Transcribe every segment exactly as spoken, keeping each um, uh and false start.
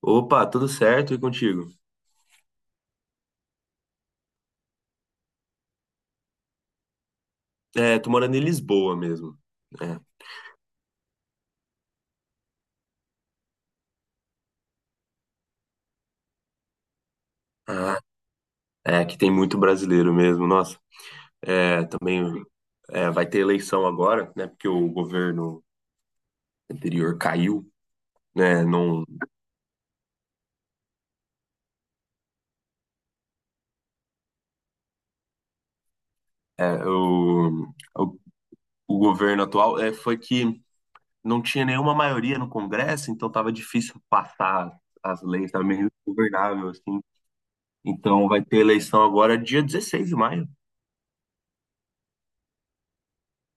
Opa, tudo certo e contigo? É, tô morando em Lisboa mesmo. É, ah, é que tem muito brasileiro mesmo, nossa. É, também é, vai ter eleição agora, né? Porque o governo anterior caiu, né? Não, é, o, o, o governo atual é, foi que não tinha nenhuma maioria no Congresso, então tava difícil passar as leis, tava meio ingovernável, assim. Então vai ter eleição agora dia dezesseis de maio.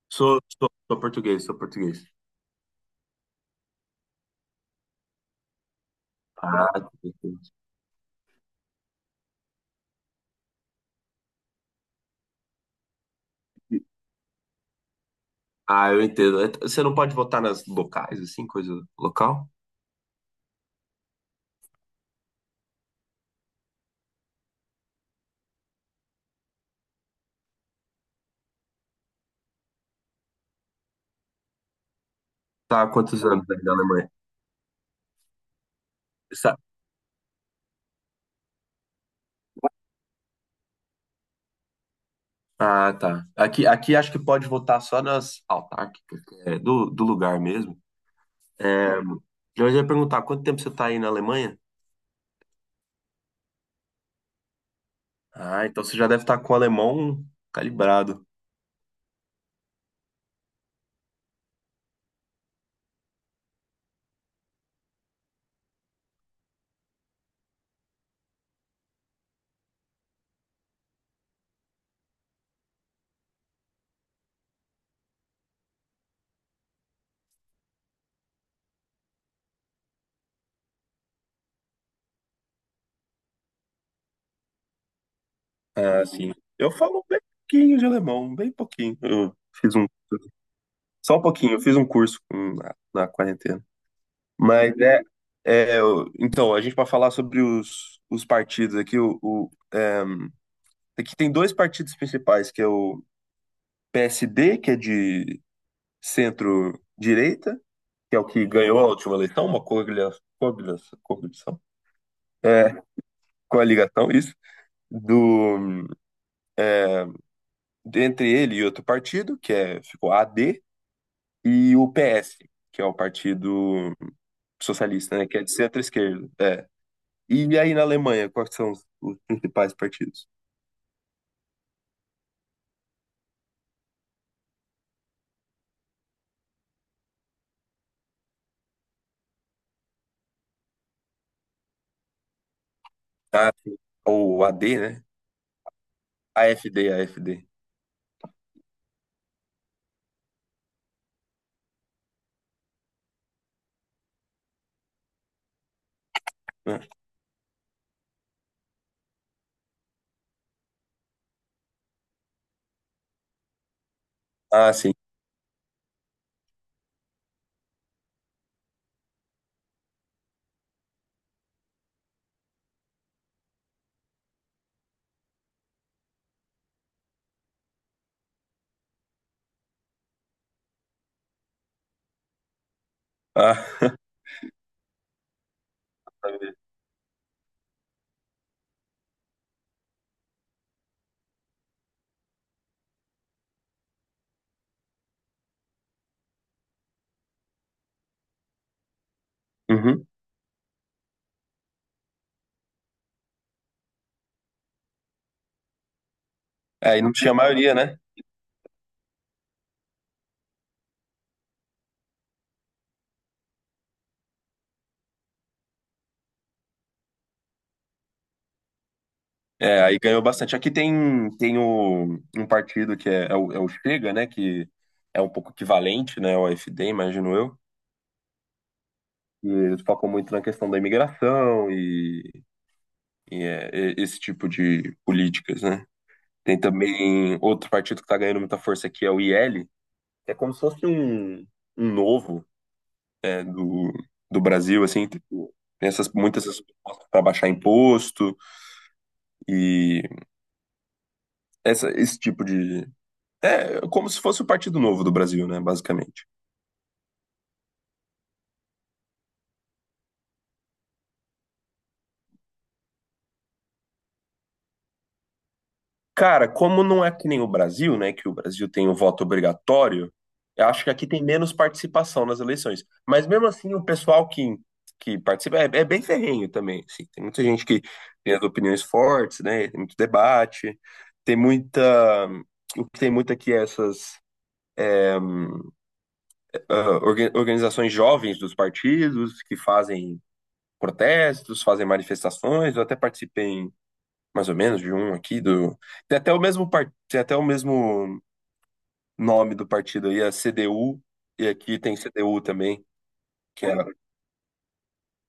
Sou, sou, sou português, sou português. Ah, Ah, eu entendo. É, Você não pode votar nas locais, assim, coisa local? Tá, há quantos anos aí na Alemanha? Sa- Ah, tá. Aqui, aqui acho que pode votar só nas autárquicas, que é do, do lugar mesmo. É, eu ia perguntar, quanto tempo você tá aí na Alemanha? Ah, então você já deve estar com o alemão calibrado. Ah, sim. Eu falo bem pouquinho de alemão, bem pouquinho. Eu fiz um, só um pouquinho, eu fiz um curso hum, na na quarentena. Mas é, é, eu- então, a gente para falar sobre os, os partidos aqui, o, o- é, aqui tem dois partidos principais, que é o P S D, que é de centro-direita, que é o que ganhou a última eleição, uma coalia- coalia- coaligação, é, coligação, isso, do, entre ele e outro partido, que é, ficou A D, e o P S, que é o Partido Socialista, né, que é de centro-esquerda. É. E aí na Alemanha, quais são os, os principais partidos? Ah, sim. Ou A D, né? A F D, A F D. Ah, sim. Ah, uhum. É, Aí não tinha maioria, né? É, aí ganhou bastante. Aqui tem, tem o, um partido que é, é o, é o Chega, né? Que é um pouco equivalente, né? Ao A F D, imagino eu. E eles focam muito na questão da imigração e, e, é, e- esse tipo de políticas, né? Tem também outro partido que tá ganhando muita força aqui, é o I L, que é como se fosse um, um novo, né, do, do Brasil, assim, tipo, tem essas, muitas essas propostas para baixar imposto e essa, esse tipo de. É como se fosse o Partido Novo do Brasil, né, basicamente. Cara, como não é que nem o Brasil, né, que o Brasil tem o voto obrigatório, eu acho que aqui tem menos participação nas eleições. Mas mesmo assim, o pessoal que, que participa é, é bem ferrenho também, assim. Tem muita gente que tem as opiniões fortes, né, tem muito debate, tem muita. O que tem muito aqui é essas ah, orga- organizações jovens dos partidos que fazem protestos, fazem manifestações. Eu até participei em, mais ou menos de um aqui do. Tem até o mesmo par... tem até o mesmo nome do partido aí, a C D U, e aqui tem C D U também, que é...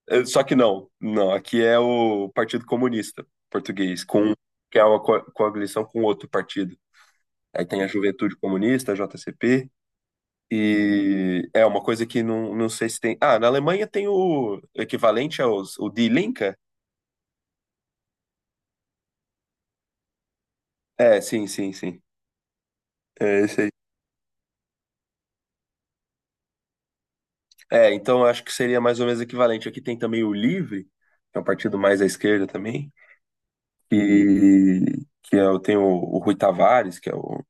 eh, Só que não, não, aqui é o Partido Comunista Português, com que é uma co- coalição com outro partido. Aí tem a Juventude Comunista, a J C P. E é uma coisa que não, não sei se tem. Ah, na Alemanha tem o equivalente aos o Die Linke? É, sim, sim, sim. É esse aí. É, então eu acho que seria mais ou menos equivalente. Aqui tem também o Livre, que é um partido mais à esquerda também, e que é, o- tem o, o Rui Tavares, que é o,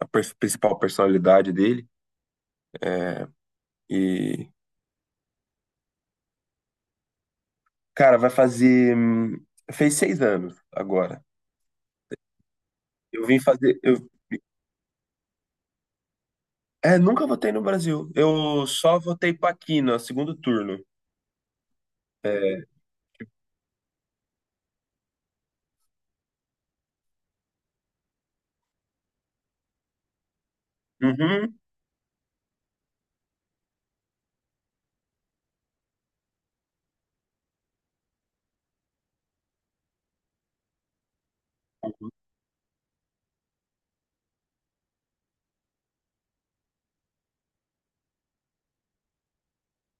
a pers- principal personalidade dele. É, e, cara, vai fazer. hum, Fez seis anos agora. Eu vim fazer. Eu, é, nunca votei no Brasil. Eu só votei para aqui no segundo turno. Uhum,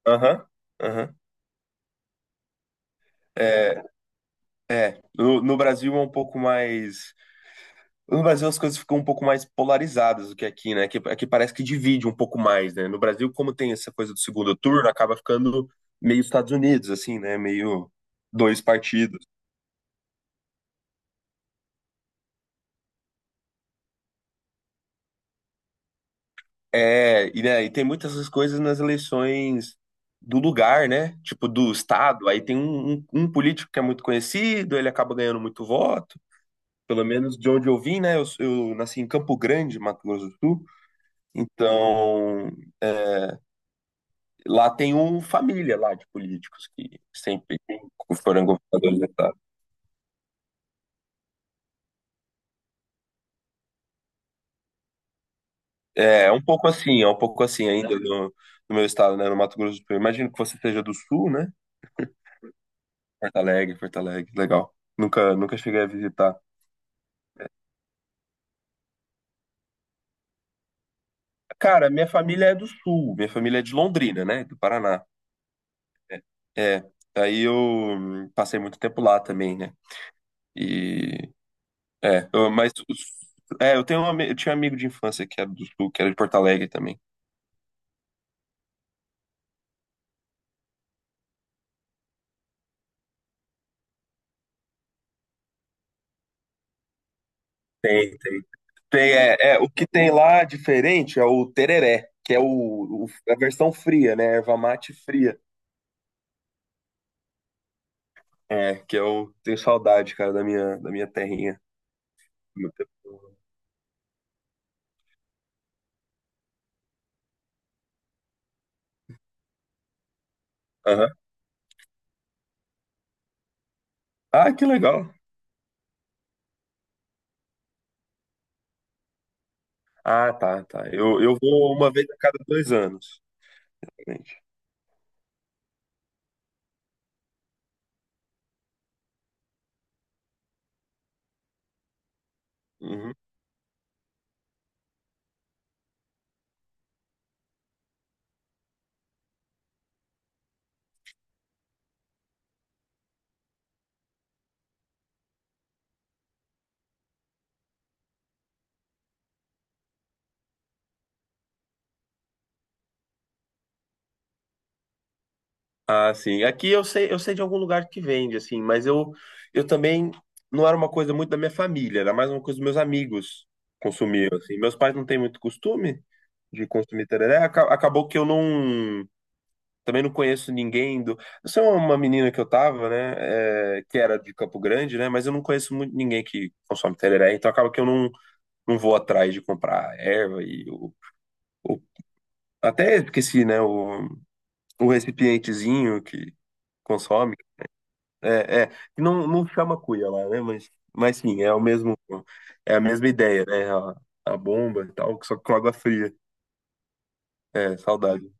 aham, aham. É, é. No, no Brasil é um pouco mais. No Brasil as coisas ficam um pouco mais polarizadas do que aqui, né? Que aqui parece que divide um pouco mais, né? No Brasil, como tem essa coisa do segundo turno, acaba ficando meio Estados Unidos, assim, né? Meio dois partidos. É, e, né, e tem muitas essas coisas nas eleições do lugar, né? Tipo, do estado. Aí tem um, um um político que é muito conhecido, ele acaba ganhando muito voto. Pelo menos de onde eu vim, né? Eu, eu nasci em Campo Grande, Mato Grosso do Sul. Então, é, lá tem um família lá de políticos que sempre foram governadores do estado. É, é um pouco assim, é um pouco assim ainda no, no meu estado, né? No Mato Grosso do Sul. Imagino que você seja do Sul, né? Porto Alegre, Porto Alegre, legal. Nunca, nunca cheguei a visitar. Cara, minha família é do Sul, minha família é de Londrina, né? Do Paraná. É, aí eu hum, passei muito tempo lá também, né? E É, eu- mas os- é, eu tenho um, ami- eu tinha um amigo de infância que era do Sul, que era de Porto Alegre também. Tem, tem. Tem, é, é, o que tem lá diferente é o tereré, que é o, o- a versão fria, né? Erva mate fria. É, que eu tenho saudade, cara, da minha, da minha terrinha. Meu tempo. Aham. Ah, que legal. Ah, tá, tá. Eu, eu vou uma vez a cada dois anos. Gente. Ah, sim. Aqui eu sei, eu sei de algum lugar que vende, assim, mas eu, eu também não era uma coisa muito da minha família, era mais uma coisa dos meus amigos consumiam, assim. Meus pais não têm muito costume de consumir tereré, aca- acabou que eu não, também não conheço ninguém do... Eu sou uma menina que eu tava, né, é, que era de Campo Grande, né, mas eu não conheço muito ninguém que consome tereré, então acaba que eu não, não vou atrás de comprar erva e o... o- Até esqueci, né, o, o recipientezinho que consome, É, é, que não, não chama cuia lá, né? Mas, mas sim, é o mesmo, é a mesma ideia, né? A, a bomba e tal, só que com água fria. É, saudade.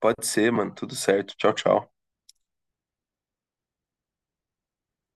Pode ser, mano, tudo certo. Tchau, tchau.